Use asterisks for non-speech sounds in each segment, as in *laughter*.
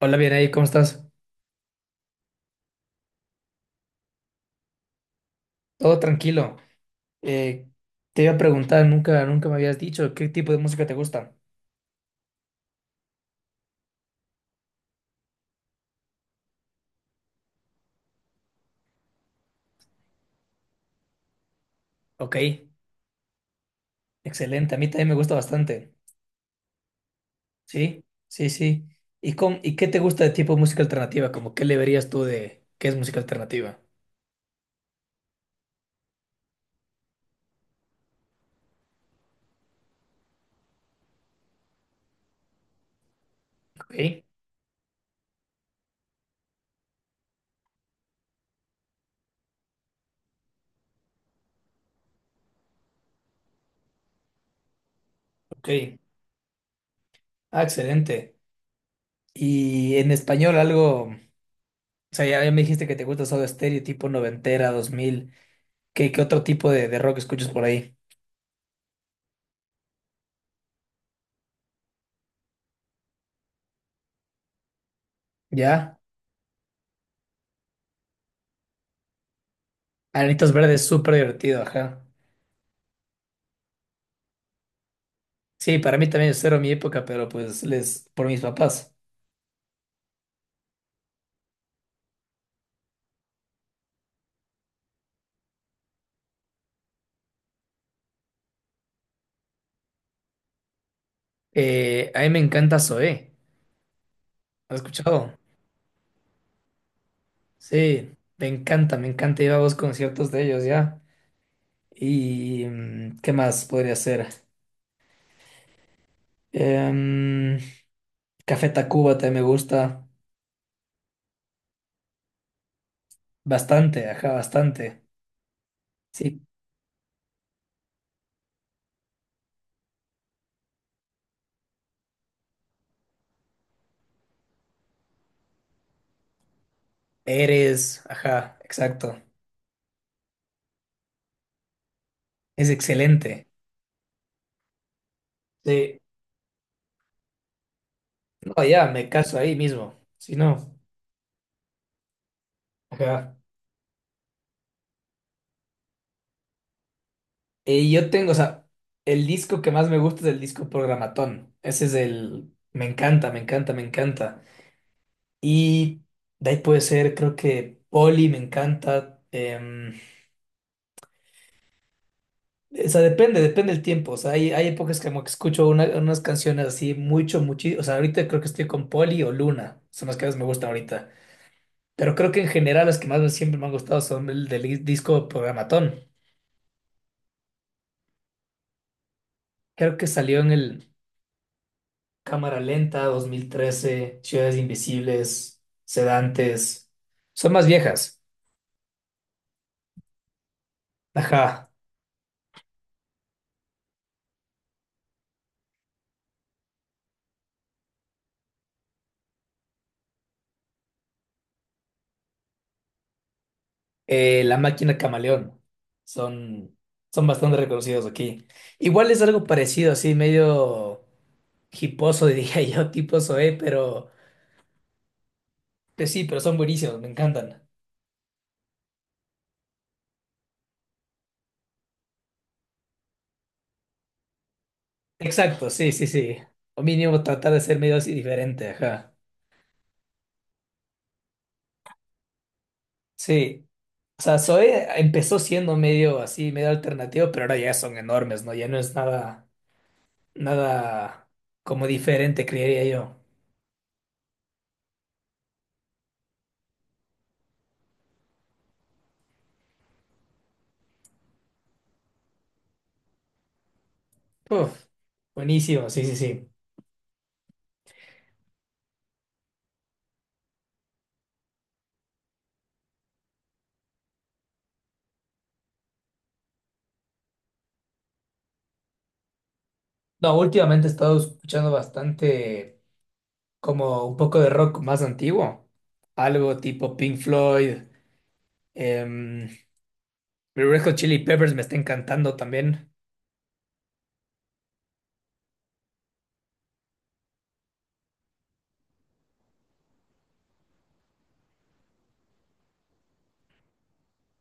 Hola, bien ahí, ¿cómo estás? Todo tranquilo. Eh, Te iba a preguntar, nunca me habías dicho qué tipo de música te gusta. Ok, excelente. A mí también me gusta bastante. Sí, sí, sí. ¿Y, y qué te gusta de tipo de música alternativa? Como, ¿qué le verías tú de qué es música alternativa? Ok, ok. Ah, excelente. ¿Y en español algo? O sea, ya me dijiste que te gusta Soda Stereo, tipo noventera, dos mil. ¿Qué, qué otro tipo de rock escuchas por ahí? ¿Ya? Anitos Verdes, súper divertido, ajá. Sí, para mí también es cero mi época, pero pues les, por mis papás. A mí me encanta Zoé. ¿Has escuchado? Sí, me encanta ir a los conciertos de ellos ya. Y mm, ¿qué más podría ser? Em, Café Tacuba también me gusta bastante, ajá, bastante. Sí, eres, ajá, exacto. Es excelente. Sí, no, ya me caso ahí mismo. Si no, ajá. Yo tengo, o sea, el disco que más me gusta es el disco Programatón. Ese es el... Me encanta, me encanta, me encanta. Y de ahí puede ser, creo que Poli me encanta. O sea, depende, depende el tiempo. O sea, hay épocas que como que escucho unas canciones así mucho, muchísimo. O sea, ahorita creo que estoy con Poli o Luna. Son las que más me gustan ahorita. Pero creo que en general las que más siempre me han gustado son el del disco Programatón. Creo que salió en el... Cámara Lenta, 2013, Ciudades Invisibles, Sedantes. Son más viejas. Ajá. La Máquina Camaleón. Son, son bastante reconocidos aquí. Igual es algo parecido, así medio hiposo, *laughs* diría yo, tipo Zoé, pero pues sí, pero son buenísimos, me encantan. Exacto, sí, sí, sí. O mínimo tratar de ser medio así diferente, ajá. Sí. O sea, Zoé empezó siendo medio así, medio alternativo, pero ahora ya son enormes, ¿no? Ya no es nada. Nada como diferente, creería yo. Uf, buenísimo, sí, sí, sí. No, últimamente he estado escuchando bastante como un poco de rock más antiguo. Algo tipo Pink Floyd, em, Red Hot Chili Peppers me está encantando también.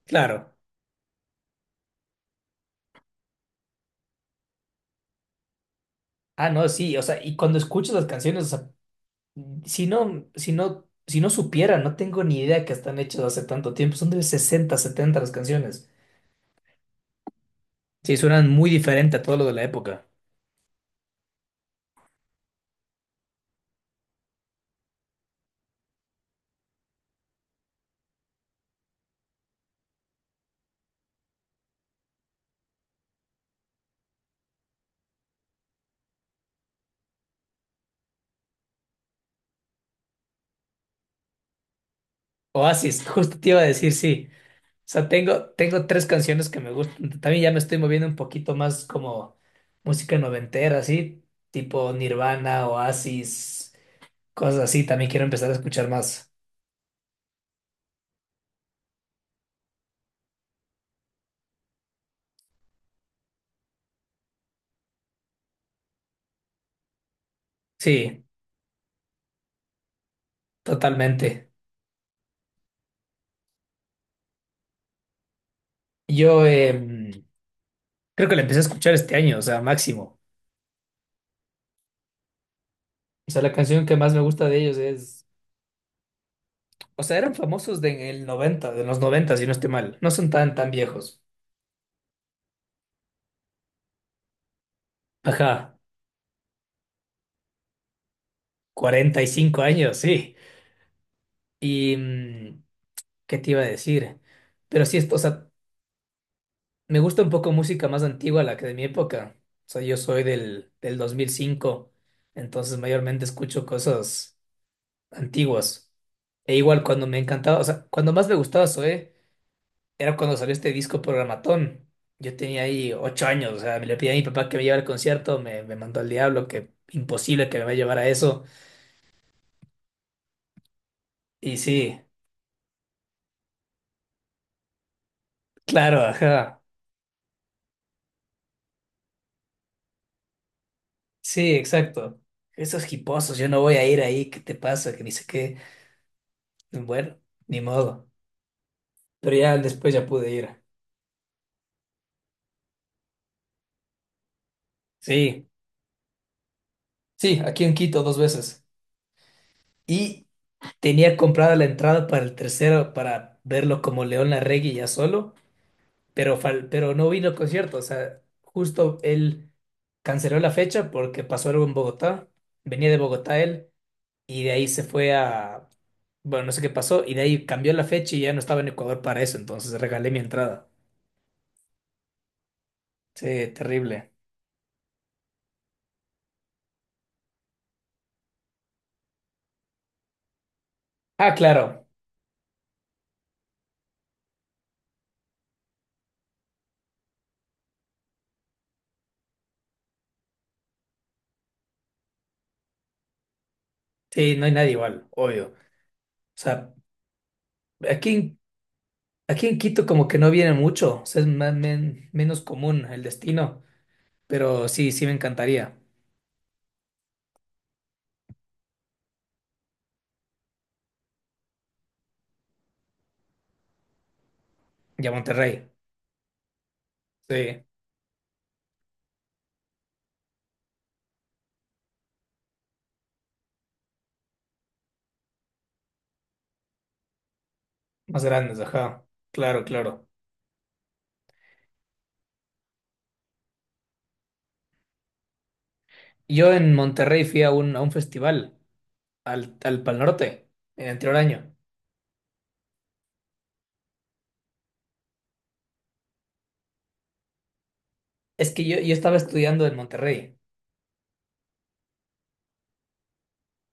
Claro. Ah, no, sí, o sea, y cuando escuchas las canciones, o sea, si no, si no, si no supiera, no tengo ni idea que están hechas hace tanto tiempo. Son de 60 70 las canciones. Sí, suenan muy diferente a todo lo de la época. Oasis, justo te iba a decir, sí. O sea, tengo, tengo 3 canciones que me gustan. También ya me estoy moviendo un poquito más como música noventera, así, tipo Nirvana, Oasis, cosas así. También quiero empezar a escuchar más. Sí, totalmente. Yo, creo que la empecé a escuchar este año, o sea, máximo. O sea, la canción que más me gusta de ellos es... O sea, eran famosos de en el 90, de los 90 si no estoy mal. No son tan, tan viejos. Ajá, 45 años, sí. Y... mm, ¿qué te iba a decir? Pero sí, o sea, me gusta un poco música más antigua, la que de mi época. O sea, yo soy del 2005, entonces mayormente escucho cosas antiguas. E igual cuando me encantaba, o sea, cuando más me gustaba Zoé, era cuando salió este disco Programatón. Yo tenía ahí 8 años, o sea, me le pedí a mi papá que me llevara al concierto, me mandó al diablo, que imposible que me vaya a llevar a eso. Y sí, claro, ajá. Sí, exacto. Esos hiposos, yo no voy a ir ahí, ¿qué te pasa? Que ni sé qué. Bueno, ni modo. Pero ya después ya pude ir. Sí, sí, aquí en Quito 2 veces. Y tenía comprada la entrada para el tercero para verlo como León Larregui ya solo, pero, pero no vino al concierto. O sea, justo él canceló la fecha porque pasó algo en Bogotá. Venía de Bogotá él y de ahí se fue a... Bueno, no sé qué pasó y de ahí cambió la fecha y ya no estaba en Ecuador para eso. Entonces regalé mi entrada. Sí, terrible. Ah, claro. Sí, no hay nadie igual, obvio. O sea, Aquí, en- aquí en Quito como que no viene mucho, o sea, es más, menos común el destino, pero sí, sí me encantaría. Y a Monterrey, sí, más grandes, ajá, claro, claro. Yo en Monterrey fui a a un festival, al Pal Norte, en el anterior año. Es que yo estaba estudiando en Monterrey,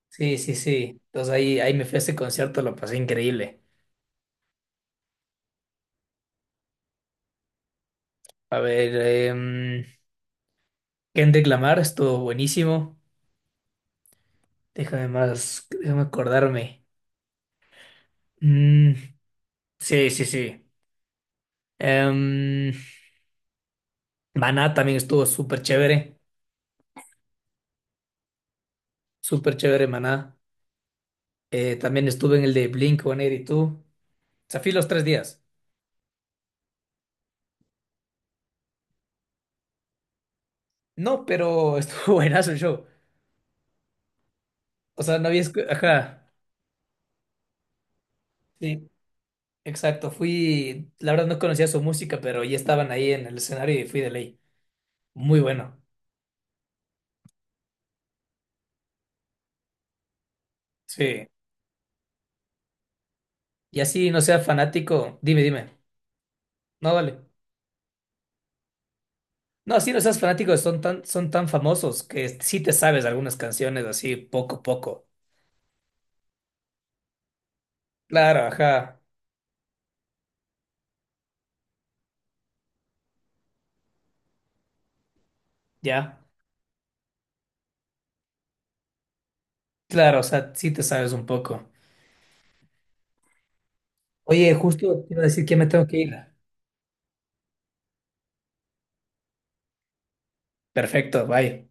sí, sí, sí. Entonces ahí me fui a ese concierto, lo pasé increíble. A ver, em, Kendrick Lamar estuvo buenísimo. Déjame más, déjame acordarme. Mm, sí, sí, sí. Em, Maná también estuvo súper chévere Maná. También estuve en el de Blink-182. O sea, fui los 3 días. No, pero estuvo *laughs* buenazo el show. O sea, no había... Ajá, sí, exacto. Fui, la verdad no conocía su música, pero ya estaban ahí en el escenario y fui de ley. Muy bueno. Sí. Y así no sea fanático, dime, dime. No, vale. No, así no seas fanático, son tan famosos que sí te sabes algunas canciones así poco a poco. Claro, ajá, ya. Claro, o sea, sí te sabes un poco. Oye, justo te iba a decir que ya me tengo que ir. Perfecto, bye.